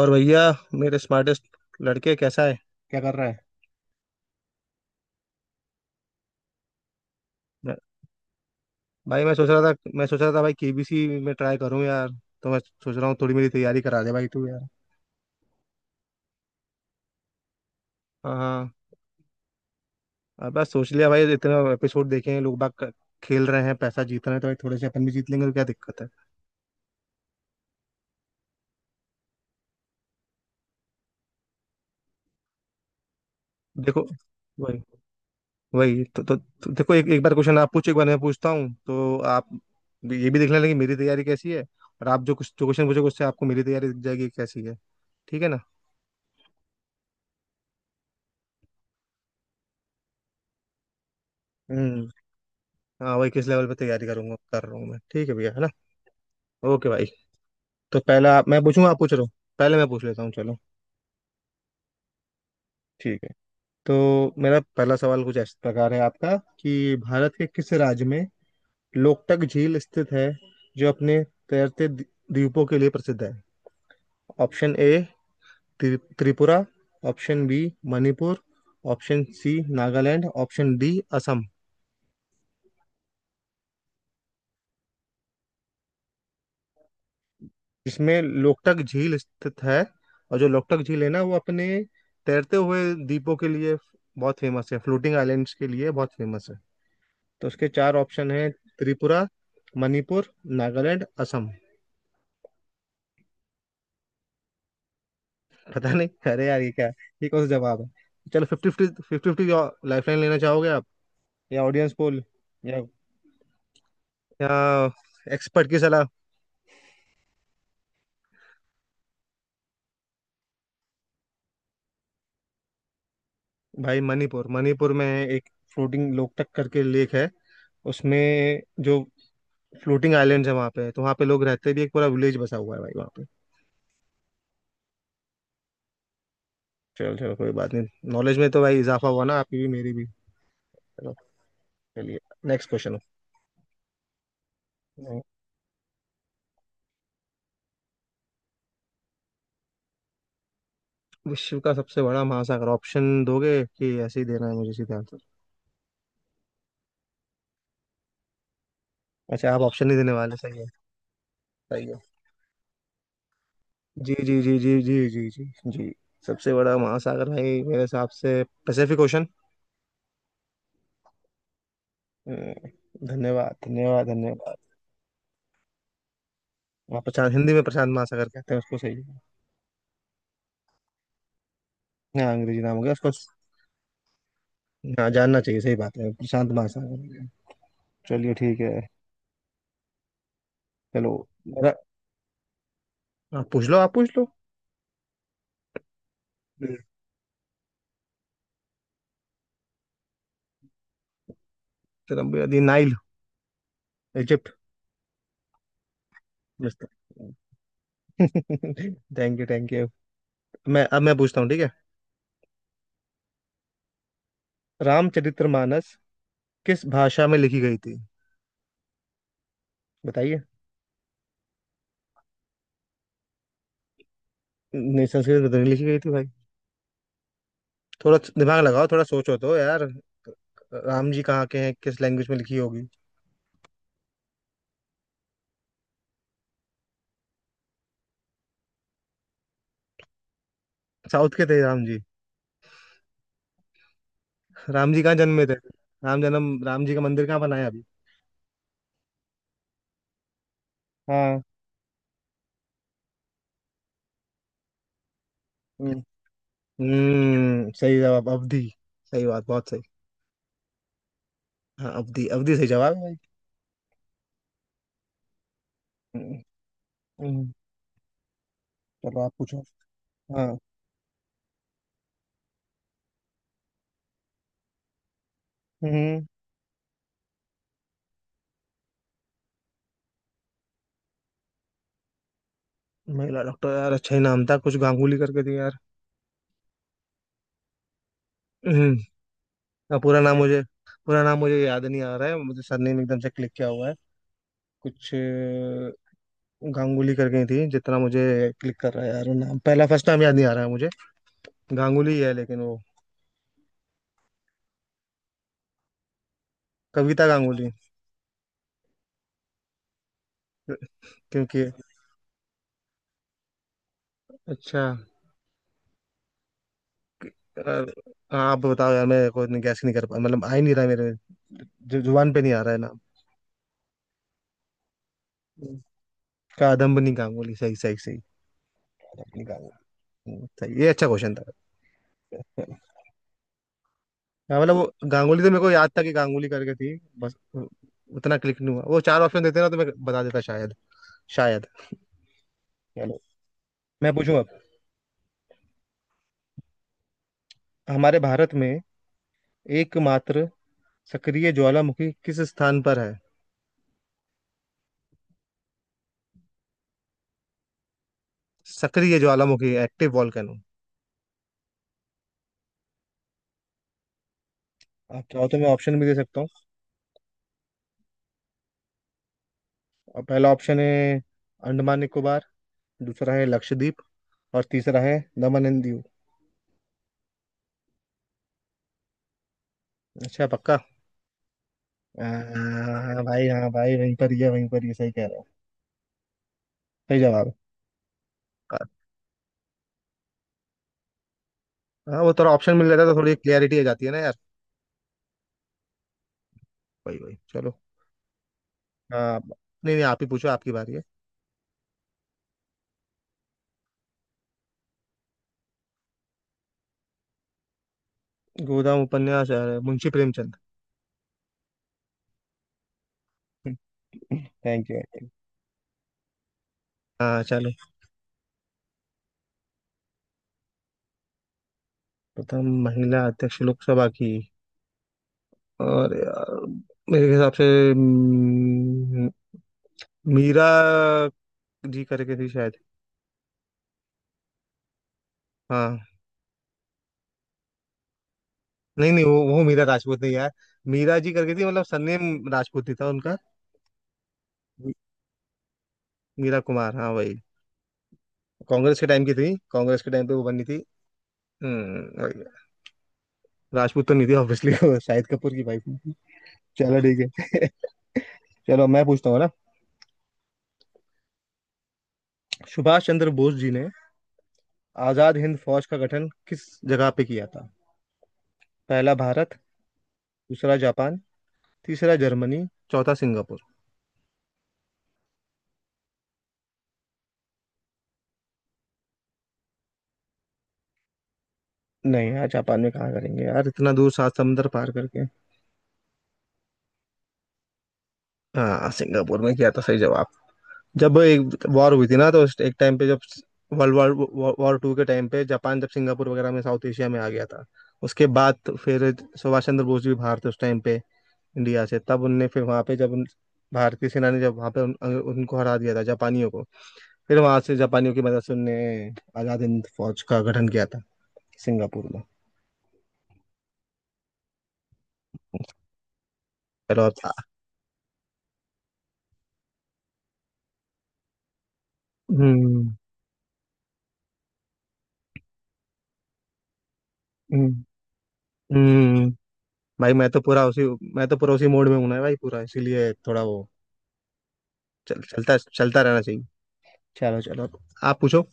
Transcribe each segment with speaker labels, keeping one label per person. Speaker 1: और भैया, मेरे स्मार्टेस्ट लड़के, कैसा है? क्या कर रहा है? मैं-। भाई मैं सोच रहा था भाई केबीसी में ट्राई करूँ यार, तो मैं सोच रहा हूँ थोड़ी मेरी तैयारी करा दे भाई तू यार। हाँ, हाँ। अब बस सोच लिया भाई, इतना एपिसोड देखे हैं लोग बाग, क- खेल रहे हैं, पैसा जीत रहे हैं, तो भाई थोड़े से अपन भी जीत लेंगे, तो क्या दिक्कत है? देखो, वही, वही तो देखो, एक एक बार क्वेश्चन आप पूछो, एक बार मैं पूछता हूँ, तो आप भी- ये भी देख लेना कि मेरी तैयारी कैसी है, और आप जो कुछ जो क्वेश्चन पूछोगे उससे आपको मेरी तैयारी दिख जाएगी कैसी है। ठीक है ना? हम्म। हाँ, वही, किस लेवल पे तैयारी करूंगा, कर रहा हूँ मैं, ठीक है भैया, है ना? ओके भाई। तो पहला, आप, मैं पूछूंगा, आप पूछ रहे हो, पहले मैं पूछ लेता हूँ, चलो। ठीक है। तो मेरा पहला सवाल कुछ इस प्रकार है आपका कि भारत के किस राज्य में लोकटक झील स्थित है, जो अपने तैरते द्वीपों के लिए प्रसिद्ध है? Option A Tripura, option B Manipur, option C Nagaland, option D Assam. जिसमें लोकटक झील स्थित है, और जो लोकटक झील है ना, वो अपने तैरते हुए द्वीपों के लिए बहुत फेमस है, फ्लोटिंग आइलैंड्स के लिए बहुत फेमस है। तो उसके चार ऑप्शन है: त्रिपुरा, मणिपुर, नागालैंड, असम। पता नहीं? अरे यार, ये क्या? ये कौन सा जवाब है? चलो, fifty fifty, fifty fifty lifeline लेना चाहोगे आप? या ऑडियंस पोल? या या एक्सपर्ट की सलाह? भाई, मणिपुर मणिपुर में एक फ्लोटिंग लोकटक करके लेक है, उसमें जो फ्लोटिंग आइलैंड्स है वहाँ पे, तो वहाँ पे लोग रहते भी, एक पूरा विलेज बसा हुआ है भाई वहाँ पे। चलो चलो, कोई बात नहीं, नॉलेज में तो भाई इजाफा हुआ ना, आपकी भी, मेरी भी। चलो। चलिए, नेक्स्ट क्वेश्चन। विश्व का सबसे बड़ा महासागर? ऑप्शन दोगे कि ऐसे ही देना है मुझे सीधा आंसर? अच्छा, आप ऑप्शन नहीं देने वाले, सही है। सही है। जी, जी, जी, जी, जी, जी, जी। जी। सबसे बड़ा महासागर है मेरे हिसाब से पैसिफिक ओशन। धन्यवाद, धन्यवाद, धन्यवाद। वहाँ प्रशांत, हिंदी में प्रशांत महासागर कहते हैं उसको, सही है। हाँ, अंग्रेजी नाम हो गया उसको। हाँ, जानना चाहिए, सही बात है, प्रशांत महासागर। चलिए, ठीक है। चलो। मेरा, आप पूछ लो, आप पूछ लो। तेरा दी नाइल, इजिप्ट। मिस्र। Thank you, thank you. मैं अब मैं पूछता हूँ, ठीक है। रामचरितमानस किस भाषा में लिखी गई थी? बताइए। नहीं, संस्कृत में तो नहीं लिखी गई थी भाई। थोड़ा दिमाग लगाओ, थोड़ा सोचो तो यार। राम जी कहाँ के हैं? किस लैंग्वेज में लिखी होगी? साउथ के थे राम जी? राम जी कहाँ जन्मे थे? राम जन्म, राम जी का मंदिर कहाँ बनाया अभी? हाँ। हम्म, सही जवाब, अवधि। सही बात, बहुत सही। हाँ, अवधि, अवधि सही जवाब है भाई। हम्म, हम्म, चलो आप पूछो। हाँ। हम्म। महिला डॉक्टर, यार अच्छा ही नाम था कुछ, गांगुली करके दिया यार। हम्म। अब पूरा नाम मुझे याद नहीं आ रहा है, मुझे सरनेम एकदम से क्लिक किया हुआ है। कुछ गांगुली करके थी जितना मुझे क्लिक कर रहा है यार, वो नाम, पहला फर्स्ट नाम याद नहीं आ रहा है मुझे। गांगुली है लेकिन वो, कविता गांगुली? क्योंकि, अच्छा यार। हाँ, आप बताओ यार, मैं कोई गैस नहीं कर पा, मतलब आ ही नहीं रहा, मेरे जुबान पे नहीं आ रहा है ना। कादम्बनी गांगुली, सही, सही, सही। कादम्बनी गांगुली। सही, ये अच्छा क्वेश्चन था। हाँ, मतलब वो गांगुली तो मेरे को याद था कि गांगुली करके थी बस, उतना क्लिक नहीं हुआ। वो चार ऑप्शन देते ना तो मैं बता देता शायद, शायद। चलो, मैं पूछूं अब। हमारे भारत में एकमात्र सक्रिय ज्वालामुखी किस स्थान पर है? सक्रिय ज्वालामुखी, एक्टिव वॉल्केनो। आप चाहो तो मैं ऑप्शन भी दे सकता हूँ। और पहला ऑप्शन है अंडमान निकोबार, दूसरा है लक्षद्वीप, और तीसरा है दमन एंड दीव। अच्छा, पक्का? हाँ भाई, हाँ भाई, वहीं पर ही है, वहीं पर, ये सही कह रहा हूँ, सही जवाब है। हाँ, वो थोड़ा ऑप्शन मिल जाता है तो थोड़ी क्लियरिटी आ जाती है ना यार। वही, वही, चलो। हाँ। नहीं, नहीं, आप ही पूछो, आपकी बारी है। गोदाम उपन्यास, मुंशी प्रेमचंद। Thank you. हाँ, चलो। प्रथम महिला अध्यक्ष लोकसभा की? और यार, मेरे हिसाब से, हम्म, मीरा जी करके थी शायद। हाँ। नहीं, नहीं, वो मीरा राजपूत नहीं यार, मीरा जी करके थी, मतलब सरनेम राजपूत ही था उनका। मी- मीरा कुमार, हाँ, वही। कांग्रेस के टाइम की थी, कांग्रेस के टाइम पे वो बनी थी। हम्म, वही। राजपूत तो नहीं थी ऑब्वियसली, वो शाहिद कपूर की वाइफ थी। चलो, ठीक है। चलो, मैं पूछता हूँ ना। सुभाष चंद्र बोस जी ने आजाद हिंद फौज का गठन किस जगह पे किया था? पहला भारत, दूसरा जापान, तीसरा जर्मनी, चौथा सिंगापुर। नहीं यार, जापान में कहाँ करेंगे यार, इतना दूर, सात समंदर पार करके। हाँ, सिंगापुर में किया था, सही जवाब। जब एक वॉर हुई थी ना, तो उस एक टाइम पे, जब वर्ल्ड वॉर वॉर टू के टाइम पे जापान जब सिंगापुर वगैरह में साउथ एशिया में आ गया था, उसके बाद तो फिर सुभाष चंद्र बोस भी बाहर थे उस टाइम पे इंडिया से, तब उनने फिर वहाँ पे, जब भारतीय सेना ने जब वहाँ पे उनको हरा दिया था जापानियों को, फिर वहाँ से जापानियों की मदद से उनने आजाद हिंद फौज का गठन किया था सिंगापुर में। चलो अब। हम्म। हम्म। हम्म। भाई मैं तो पूरा उसी मोड में हूं ना भाई, पूरा, इसीलिए थोड़ा वो। चलता चलता रहना चाहिए। चलो, चलो। आप पूछो।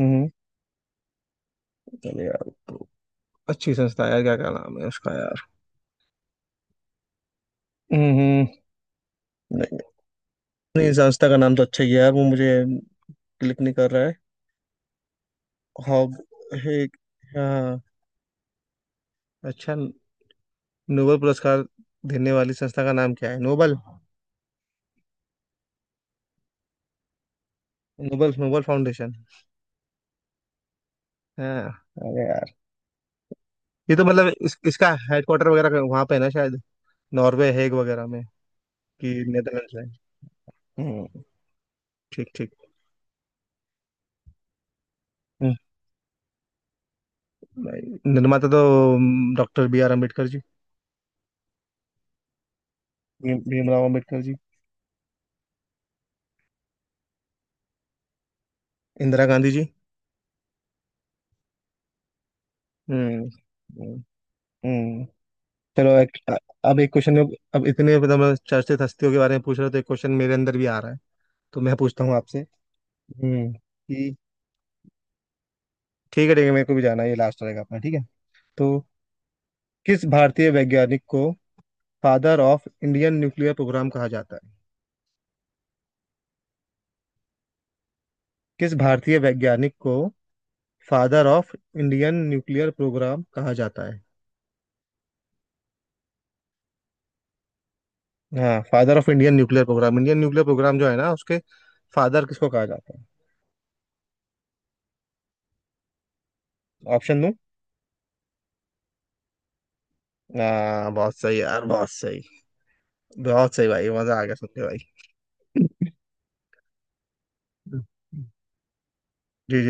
Speaker 1: हम्म। चलो यार, तो अच्छी संस्था है यार, क्या क्या नाम है उसका यार। हम्म। नहीं, नहीं, संस्था का नाम तो अच्छा ही है यार, वो मुझे क्लिक नहीं कर रहा है। हॉब, हे, हाँ, अच्छा। नोबेल पुरस्कार देने वाली संस्था का नाम क्या है? नोबल। Nobel, Nobel Foundation. हाँ। अरे यार ये तो, मतलब इसका हेडक्वार्टर वगैरह वहां पे है ना शायद, नॉर्वे, हेग वगैरह में, कि नेदरलैंड्स में। हम्म। ठीक, ठीक। हम्म, निर्माता तो डॉक्टर बी आर अम्बेडकर जी, भीमराव अम्बेडकर जी। इंदिरा गांधी जी। हम्म। हम्म। हम्म। चलो, एक, अब एक क्वेश्चन में, अब इतने, मतलब मैं, चर्चित हस्तियों के बारे में पूछ रहे हो तो एक क्वेश्चन मेरे अंदर भी आ रहा है, तो मैं पूछता हूँ आपसे। हम्म, कि- ठीक है, ठीक है, मेरे को भी जाना है, ये लास्ट रहेगा अपना, ठीक है। तो किस भारतीय वैज्ञानिक को father of Indian nuclear programme कहा जाता है? किस भारतीय वैज्ञानिक को father of Indian nuclear programme कहा जाता है? हाँ, father of Indian nuclear programme, Indian nuclear programme जो है ना, उसके फादर किसको कहा जाता है? ऑप्शन दूं? बहुत सही यार, बहुत सही। बहुत सही भाई, मजा आ गया सुन के भाई। जी, जी।